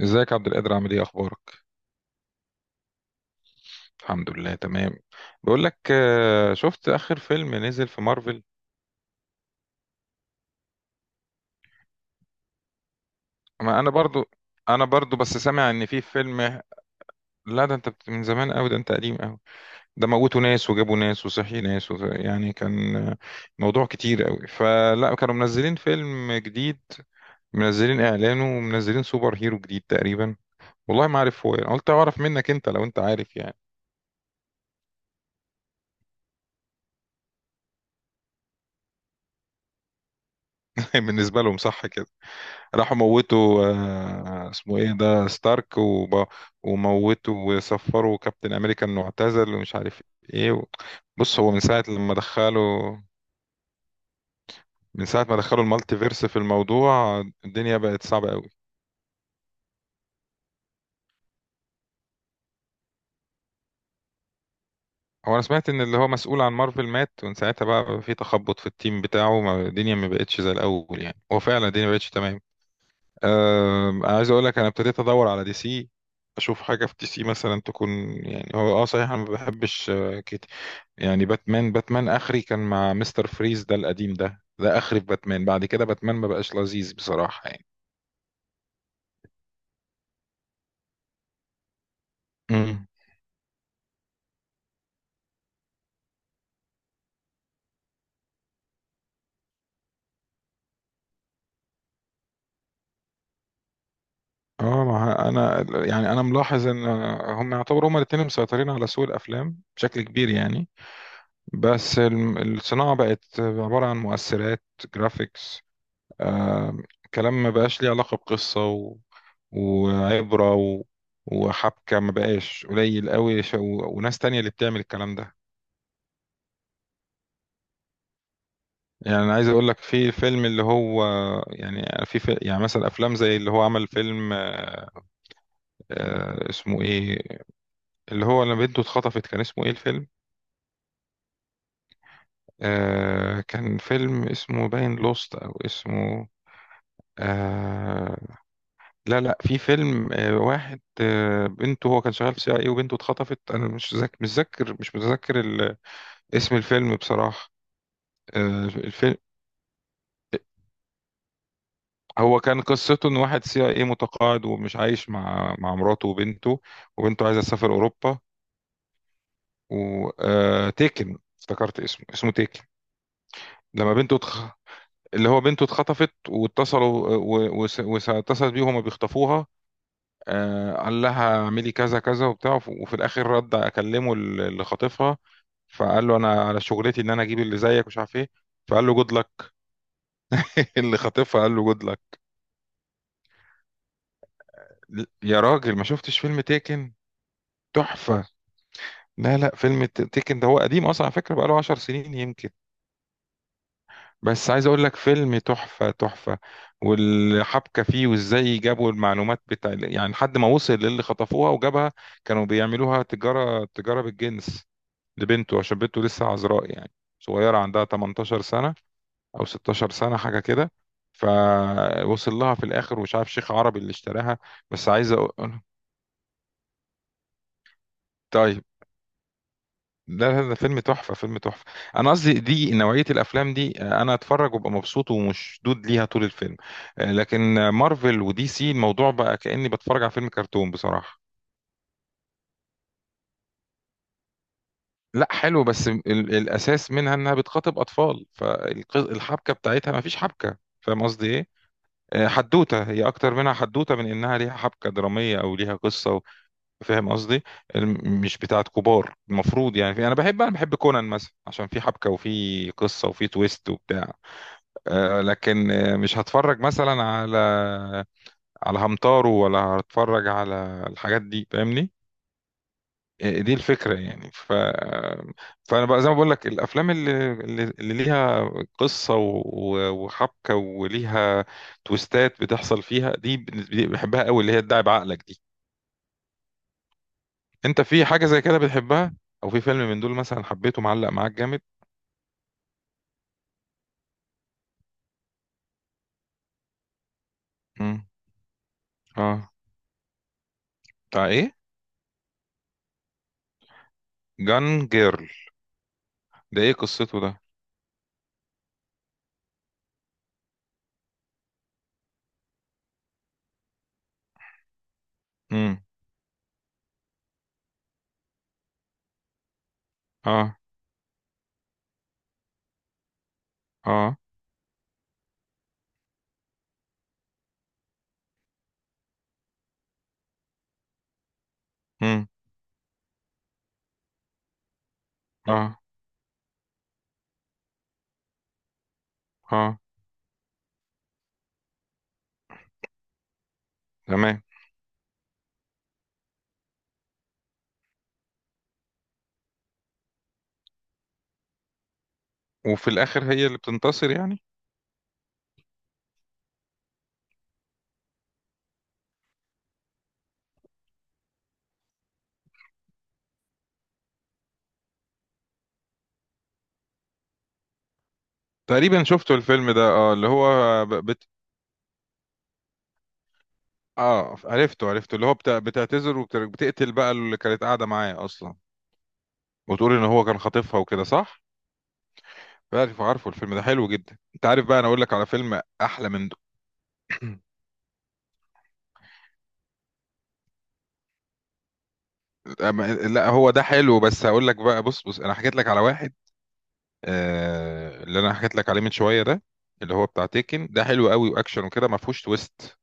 ازيك يا عبد القادر، عامل ايه، اخبارك؟ الحمد لله تمام. بقول لك، شفت اخر فيلم نزل في مارفل؟ ما انا برضو بس سامع ان في فيلم. لا، ده انت من زمان قوي، ده انت قديم قوي. ده موتوا ناس، وجابوا ناس، وصحي ناس، يعني كان، موضوع كتير قوي، فلا كانوا منزلين فيلم جديد، منزلين اعلانه، ومنزلين سوبر هيرو جديد تقريبا، والله ما عارف هو إيه. قلت اعرف منك، انت لو انت عارف يعني. بالنسبة لهم صح. راحوا موتوا، اسمه ايه ده، ستارك وموتوا، وسفروا كابتن امريكا انه اعتزل، ومش عارف ايه و... بص، هو من ساعة ما دخلوا المالتي فيرس في الموضوع، الدنيا بقت صعبة قوي. هو انا سمعت ان اللي هو مسؤول عن مارفل مات، ومن ساعتها بقى في تخبط في التيم بتاعه، الدنيا ما بقتش زي الاول، يعني هو فعلا الدنيا ما بقتش تمام. انا عايز اقول لك، انا ابتديت ادور على دي سي، اشوف حاجه في دي سي مثلا تكون. يعني هو، صحيح انا ما بحبش يعني باتمان اخري كان مع مستر فريز ده القديم، ده اخري في باتمان، بعد كده باتمان ما بقاش لذيذ بصراحة يعني. امم. اه ما انا يعني، انا ملاحظ ان هم يعتبروا، هم الاثنين مسيطرين على سوق الافلام بشكل كبير يعني. بس الصناعة بقت عبارة عن مؤثرات، جرافيكس. آه كلام ما بقاش ليه علاقة بقصة وعبرة وحبكة، ما بقاش، قليل قوي وناس تانية اللي بتعمل الكلام ده. يعني انا عايز اقول لك، في فيلم اللي هو، يعني في يعني مثلا افلام زي اللي هو، عمل فيلم، اسمه ايه، اللي هو لما بنته اتخطفت، كان اسمه ايه الفيلم؟ كان فيلم اسمه باين لوست، او اسمه، آه لا، لا، في فيلم، واحد، بنته، هو كان شغال في سي اي، وبنته اتخطفت، انا مش ذاك مش ذاكر مش متذكر اسم الفيلم بصراحة. آه هو كان قصته ان واحد سي اي إيه متقاعد، ومش عايش مع مراته وبنته، وبنته عايزه تسافر اوروبا، وتيكن، افتكرت اسمه تيكن. لما بنته تخ... اللي هو بنته اتخطفت، واتصلوا اتصلت بيه وهما بيخطفوها. قال لها اعملي كذا كذا وبتاع، وفي الاخر، رد اكلمه اللي خاطفها، فقال له انا على شغلتي ان انا اجيب اللي زيك، مش عارف ايه، فقال له جود لك. اللي خاطفها قال له جود لك. يا راجل، ما شفتش فيلم تيكن؟ تحفة. لا، لا، فيلم تيكن ده هو قديم اصلا، على فكره بقاله 10 سنين يمكن، بس عايز اقول لك، فيلم تحفه تحفه، والحبكه فيه، وازاي جابوا المعلومات بتاع، يعني لحد ما وصل للي خطفوها وجابها. كانوا بيعملوها تجاره، تجاره بالجنس، لبنته، عشان بنته لسه عذراء يعني، صغيره، عندها 18 سنه او 16 سنه حاجه كده، فوصل لها في الاخر، ومش عارف شيخ عربي اللي اشتراها. بس عايز اقول، طيب، لا، لا، ده فيلم تحفة، فيلم تحفة. أنا قصدي دي نوعية الأفلام دي، أنا أتفرج وأبقى مبسوط ومشدود ليها طول الفيلم. لكن مارفل ودي سي، الموضوع بقى كأني بتفرج على فيلم كرتون بصراحة. لا، حلو، بس الأساس منها إنها بتخاطب أطفال، فالحبكة بتاعتها مفيش حبكة، فاهم قصدي إيه؟ حدوتة هي أكتر منها، حدوتة من إنها ليها حبكة درامية أو ليها قصة فاهم قصدي. مش بتاعت كبار، المفروض يعني، أنا بحب كونان مثلا، عشان في حبكة وفي قصة وفي تويست وبتاع. لكن مش هتفرج مثلا على همتارو، ولا هتفرج على الحاجات دي، فاهمني؟ دي الفكرة يعني، فأنا بقى زي ما بقول لك، الأفلام اللي ليها قصة، وحبكة، وليها تويستات بتحصل فيها، دي بالنسبة لي بحبها قوي، اللي هي تدعي بعقلك دي. أنت في حاجة زي كده بتحبها، أو في فيلم من دول مثلا حبيته، معلق معاك جامد؟ مم. اه، بتاع إيه؟ جان جيرل؟ ده إيه قصته ده؟ مم. اه، اه. مم. اه، اه. تمام. وفي الاخر هي اللي بتنتصر يعني؟ تقريبا شفته الفيلم ده، اللي هو ب- بت... اه، عرفته، عرفته، اللي هو بتعتذر، وبتقتل بقى اللي كانت قاعده معاه اصلا، وتقول ان هو كان خاطفها وكده، صح. عارفه الفيلم ده حلو جدا، انت عارف بقى، انا اقول لك على فيلم احلى من ده. لا، هو ده حلو، بس هقول لك بقى، بص، بص، انا حكيت لك على واحد، اللي انا حكيت لك عليه من شويه ده، اللي هو بتاع تيكن ده، حلو قوي واكشن وكده، ما فيهوش تويست.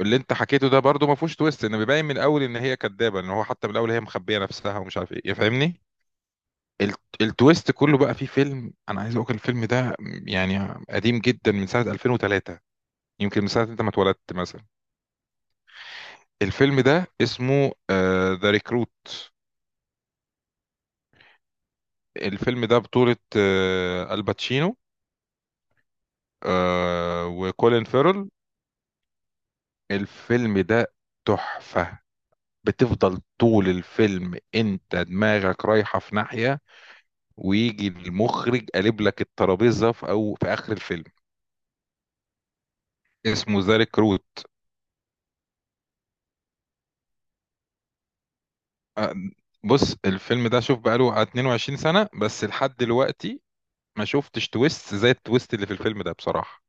اللي انت حكيته ده برضو ما فيهوش تويست، ان بيبين من الاول ان هي كدابه، ان هو حتى من الاول هي مخبيه نفسها، ومش عارف ايه، يا فاهمني. التويست كله بقى فيه، فيلم انا عايز اقول، الفيلم ده يعني قديم جدا، من سنه 2003، يمكن من سنه انت ما اتولدت مثلا. الفيلم ده اسمه ذا ريكروت. الفيلم ده بطوله، الباتشينو، وكولين فيرل. الفيلم ده تحفه، بتفضل طول الفيلم انت دماغك رايحه في ناحيه، ويجي المخرج قالب لك الترابيزه، في، او في اخر الفيلم. اسمه ذا ريكروت. أه، بص، الفيلم ده شوف بقاله على 22 سنه، بس لحد دلوقتي ما شفتش تويست زي التويست اللي في الفيلم ده بصراحه.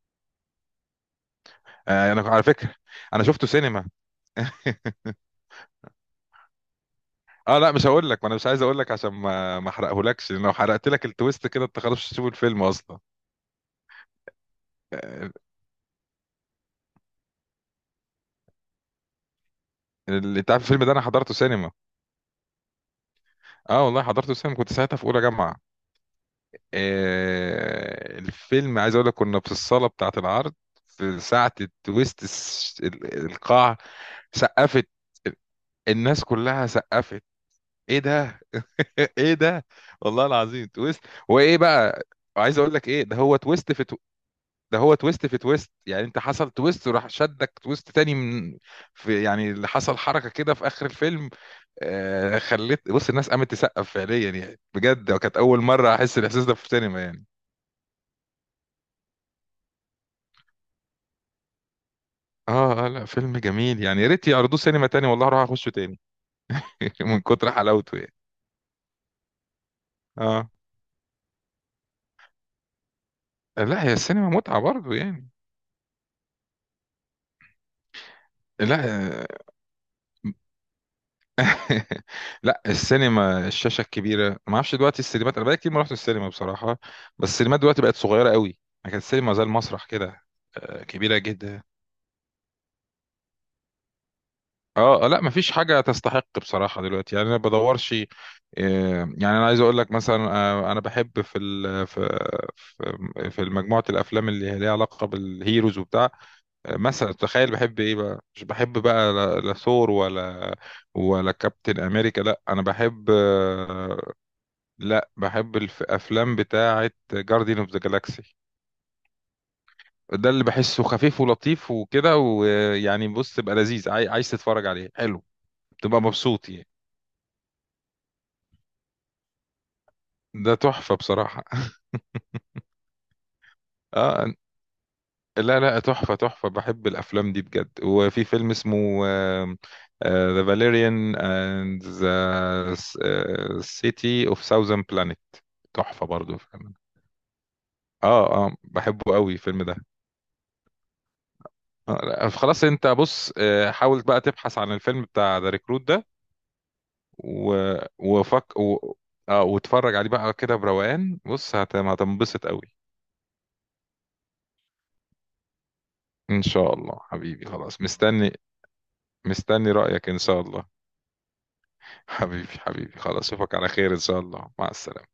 انا على فكره، انا شفته سينما. اه، لا، مش هقول لك، ما انا مش عايز اقول لك، عشان ما احرقهولكش، لان لو حرقت لك التويست كده، انت خلاص مش هتشوف الفيلم اصلا. آه، اللي انت عارف، الفيلم ده انا حضرته سينما، اه والله حضرته سينما، كنت ساعتها في اولى جامعه. الفيلم عايز اقول لك، كنا في الصاله بتاعه العرض، في ساعه التويست، القاع، سقفت، الناس كلها سقفت. ايه ده، ايه ده، والله العظيم تويست. وايه بقى، عايز اقول لك، ايه ده، هو تويست في ده هو تويست في تويست يعني، انت حصل تويست، وراح شدك تويست تاني من، في يعني، اللي حصل حركه كده في اخر الفيلم. خليت، بص، الناس قامت تسقف فعليا يعني، بجد كانت اول مره احس الاحساس ده في السينما يعني. اه، اه، لا فيلم جميل يعني، يا ريت يعرضوه سينما تاني، والله اروح اخشه تاني. من كتر حلاوته يعني. اه، لا هي السينما متعة برضه يعني. لا، آه، لا، السينما، الشاشة الكبيرة، ما اعرفش دلوقتي السينمات، انا بقالي كتير ما رحت السينما بصراحة، بس السينمات دلوقتي بقت صغيرة قوي يعني، كانت السينما زي المسرح كده، كبيرة جدا. اه، لا مفيش حاجة تستحق بصراحة دلوقتي يعني، انا بدورش، يعني انا عايز اقول لك مثلا، انا بحب في ال في في في مجموعة الافلام اللي هي ليها علاقة بالهيروز وبتاع. مثلا تخيل، بحب ايه بقى، مش بحب بقى، لا، لا ثور، ولا كابتن امريكا، لا انا بحب، لا بحب الافلام بتاعة جارديان اوف ذا جالاكسي. ده اللي بحسه خفيف ولطيف وكده، ويعني بص تبقى لذيذ، عايز تتفرج عليه، حلو، تبقى مبسوط يعني. ده تحفة بصراحة. اه، لا، لا، تحفة تحفة، بحب الأفلام دي بجد، وفي فيلم اسمه، The Valerian and the City of Thousand Planet، تحفة برضو، فاهم. اه، اه، بحبه قوي الفيلم ده. لا، خلاص، انت بص، حاول بقى تبحث عن الفيلم بتاع ذا ريكروت ده و... وفك اه، واتفرج عليه بقى كده بروقان، بص هتنبسط قوي. ان شاء الله حبيبي، خلاص مستني رأيك ان شاء الله. حبيبي، حبيبي، خلاص، اشوفك على خير ان شاء الله، مع السلامة.